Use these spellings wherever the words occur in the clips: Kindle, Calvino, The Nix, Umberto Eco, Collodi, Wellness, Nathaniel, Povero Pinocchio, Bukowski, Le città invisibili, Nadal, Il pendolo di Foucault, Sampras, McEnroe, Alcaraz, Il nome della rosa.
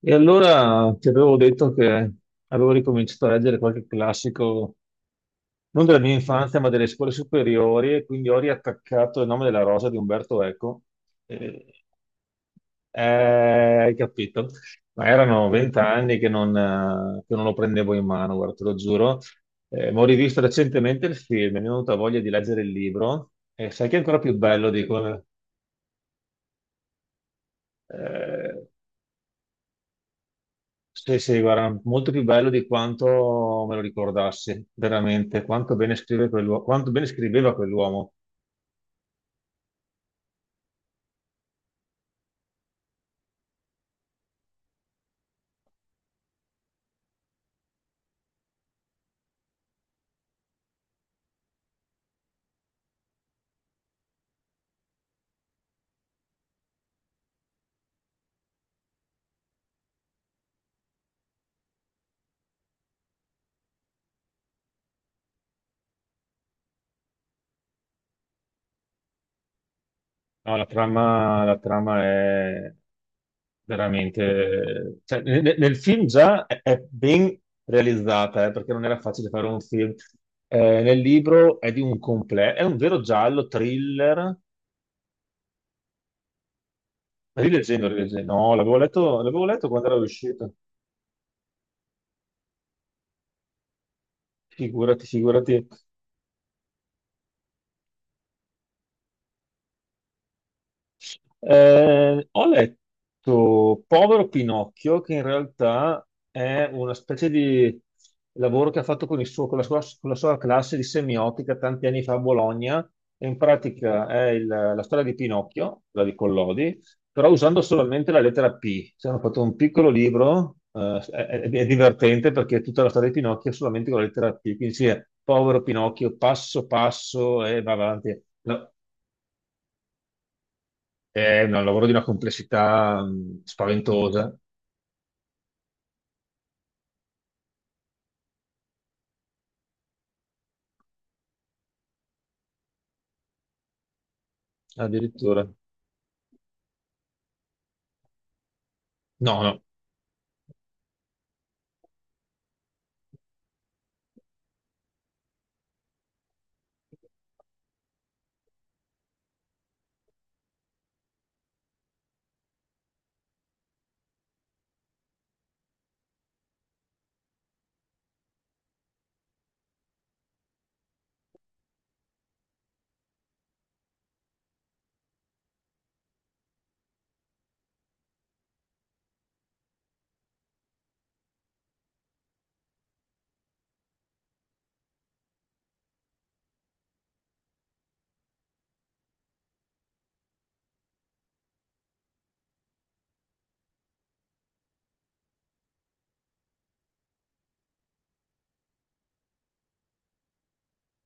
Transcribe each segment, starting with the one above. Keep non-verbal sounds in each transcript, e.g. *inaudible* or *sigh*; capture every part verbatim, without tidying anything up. E allora ti avevo detto che avevo ricominciato a leggere qualche classico, non della mia infanzia, ma delle scuole superiori, e quindi ho riattaccato Il nome della rosa di Umberto Eco. E- eh, hai capito? Ma erano vent'anni che non, eh, che non lo prendevo in mano, guarda, te lo giuro. Eh, ma ho rivisto recentemente il film, mi è venuta voglia di leggere il libro, e sai che è ancora più bello, dico. eh, Sì, sì, guarda, molto più bello di quanto me lo ricordassi, veramente. Quanto bene scrive quell'uomo, quanto bene scriveva quell'uomo. No, la trama, la trama è veramente. Cioè, ne- ne- nel, film già è, è ben realizzata, eh, perché non era facile fare un film. Eh, nel libro è di un completo, è un vero giallo, thriller. Rileggendo, rileggendo. No, l'avevo letto, l'avevo letto quando era uscito. Figurati, figurati. Eh, ho letto Povero Pinocchio, che in realtà è una specie di lavoro che ha fatto con il suo- con la sua, con la sua classe di semiotica tanti anni fa a Bologna. E in pratica è il- la storia di Pinocchio, quella di Collodi, però usando solamente la lettera P. Ci hanno fatto un piccolo libro, eh, è, è- è divertente perché è tutta la storia di Pinocchio solamente con la lettera P. Quindi sì, è Povero Pinocchio, passo passo e va avanti. È un lavoro di una complessità mh, spaventosa, addirittura. No, no.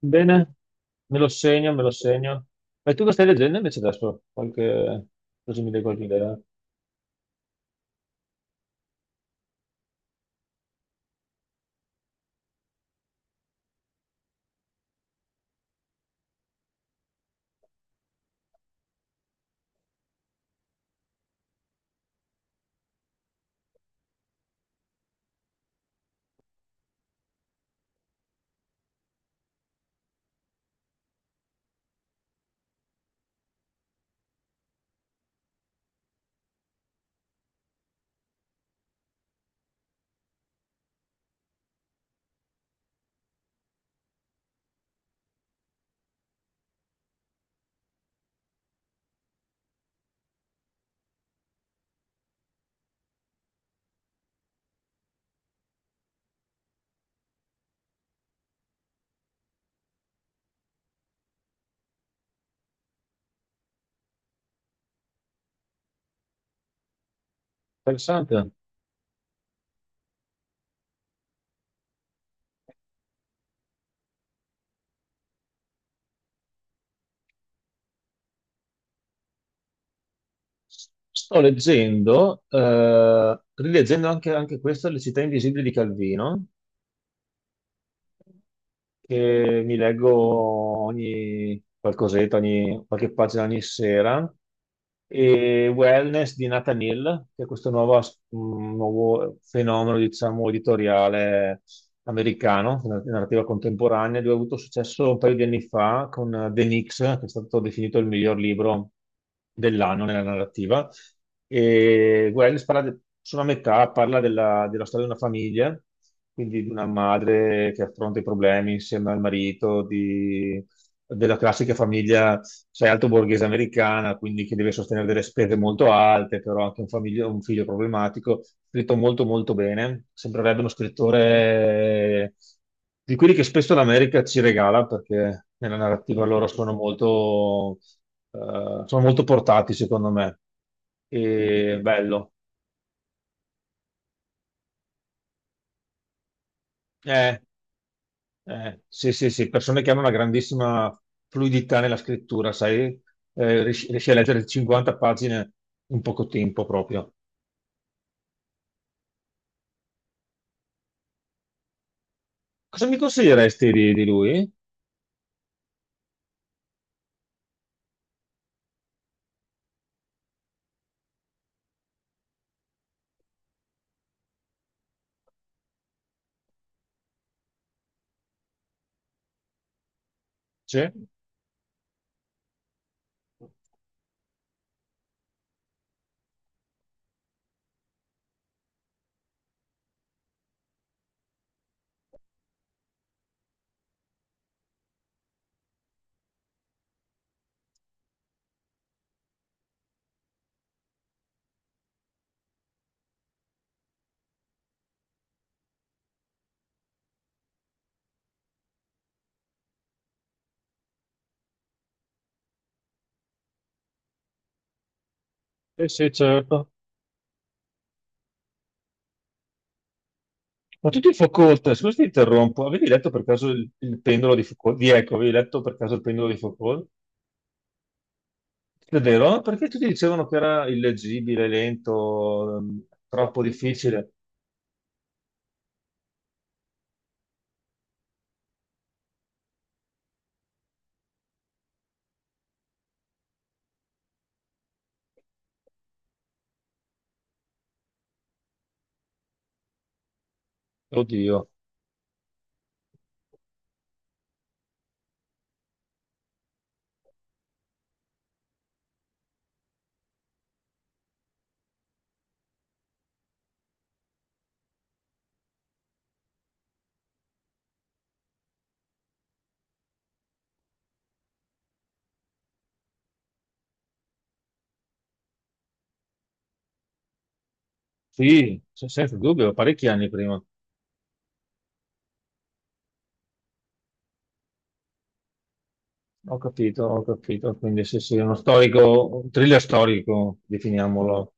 Bene, me lo segno, me lo segno. E tu lo stai leggendo invece adesso? Qualche. Così mi dai qualche idea. Interessante. Sto leggendo, eh, rileggendo anche, anche questo, Le città invisibili di Calvino, che mi leggo ogni qualcosetta, ogni, qualche pagina ogni sera, e Wellness di Nathaniel, che è questo nuovo, as- mh, nuovo fenomeno, diciamo, editoriale americano, di narrativa contemporanea. Lui ha avuto successo un paio di anni fa con eh, The Nix, che è stato definito il miglior libro dell'anno nella narrativa. E Wells parla de- sono a metà, parla della, della storia di una famiglia, quindi di una madre che affronta i problemi insieme al marito, di della classica famiglia, sai, alto borghese americana, quindi che deve sostenere delle spese molto alte, però anche un, famiglia- un figlio problematico, scritto molto molto bene, sembrerebbe uno scrittore di quelli che spesso l'America ci regala, perché nella narrativa loro sono molto, eh, sono molto portati, secondo me. E bello. Eh, Eh, sì, sì, sì, persone che hanno una grandissima fluidità nella scrittura, sai. Eh, riesci, riesci a leggere cinquanta pagine in poco tempo proprio. Cosa mi consiglieresti di, di lui? Sì. Sì, sì, certo. Ma tutti i Foucault, scusa se ti interrompo, avevi letto per caso il, il pendolo di Foucault? Di Ecco, avevi letto per caso il pendolo di Foucault? È vero? Perché tutti dicevano che era illeggibile, lento, ehm, troppo difficile. Oddio, sì, se- senza dubbio, parecchi anni prima. Ho capito, ho capito. Quindi sì, sì, è uno storico, un thriller storico, definiamolo.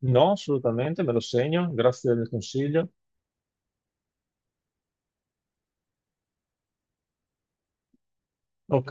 No, assolutamente, me lo segno, grazie del consiglio. Ok,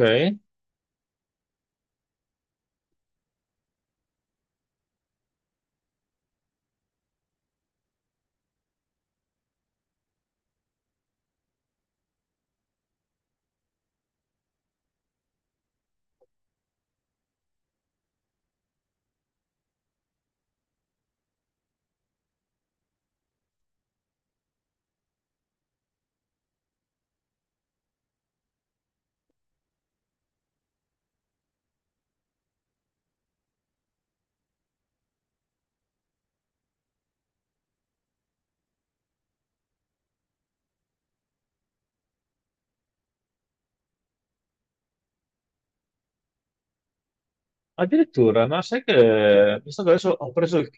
addirittura, ma sai che, visto che adesso ho preso il,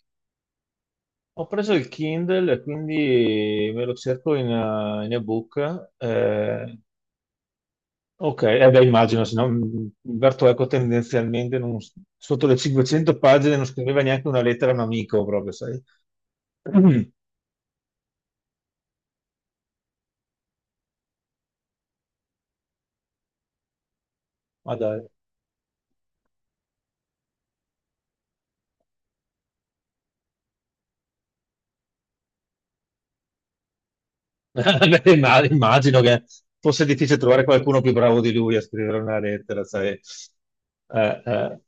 ho preso il Kindle e quindi me lo cerco in, eh, in ebook. eh, ok, eh beh, immagino, se no mh, Umberto Eco tendenzialmente non- sotto le cinquecento pagine non scriveva neanche una lettera a un amico, proprio, sai. *clears throat* Ma dai. *laughs* Beh, imma- Immagino che fosse difficile trovare qualcuno più bravo di lui a scrivere una lettera, sai. Eh, eh,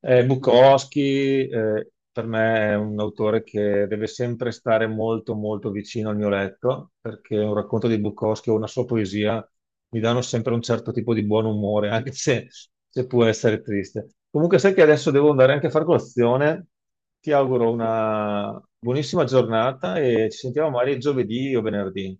eh, Bukowski, eh, per me è un autore che deve sempre stare molto, molto vicino al mio letto, perché un racconto di Bukowski o una sua poesia mi danno sempre un certo tipo di buon umore, anche se, se può essere triste. Comunque, sai che adesso devo andare anche a far colazione. Ti auguro una buonissima giornata e ci sentiamo magari giovedì o venerdì.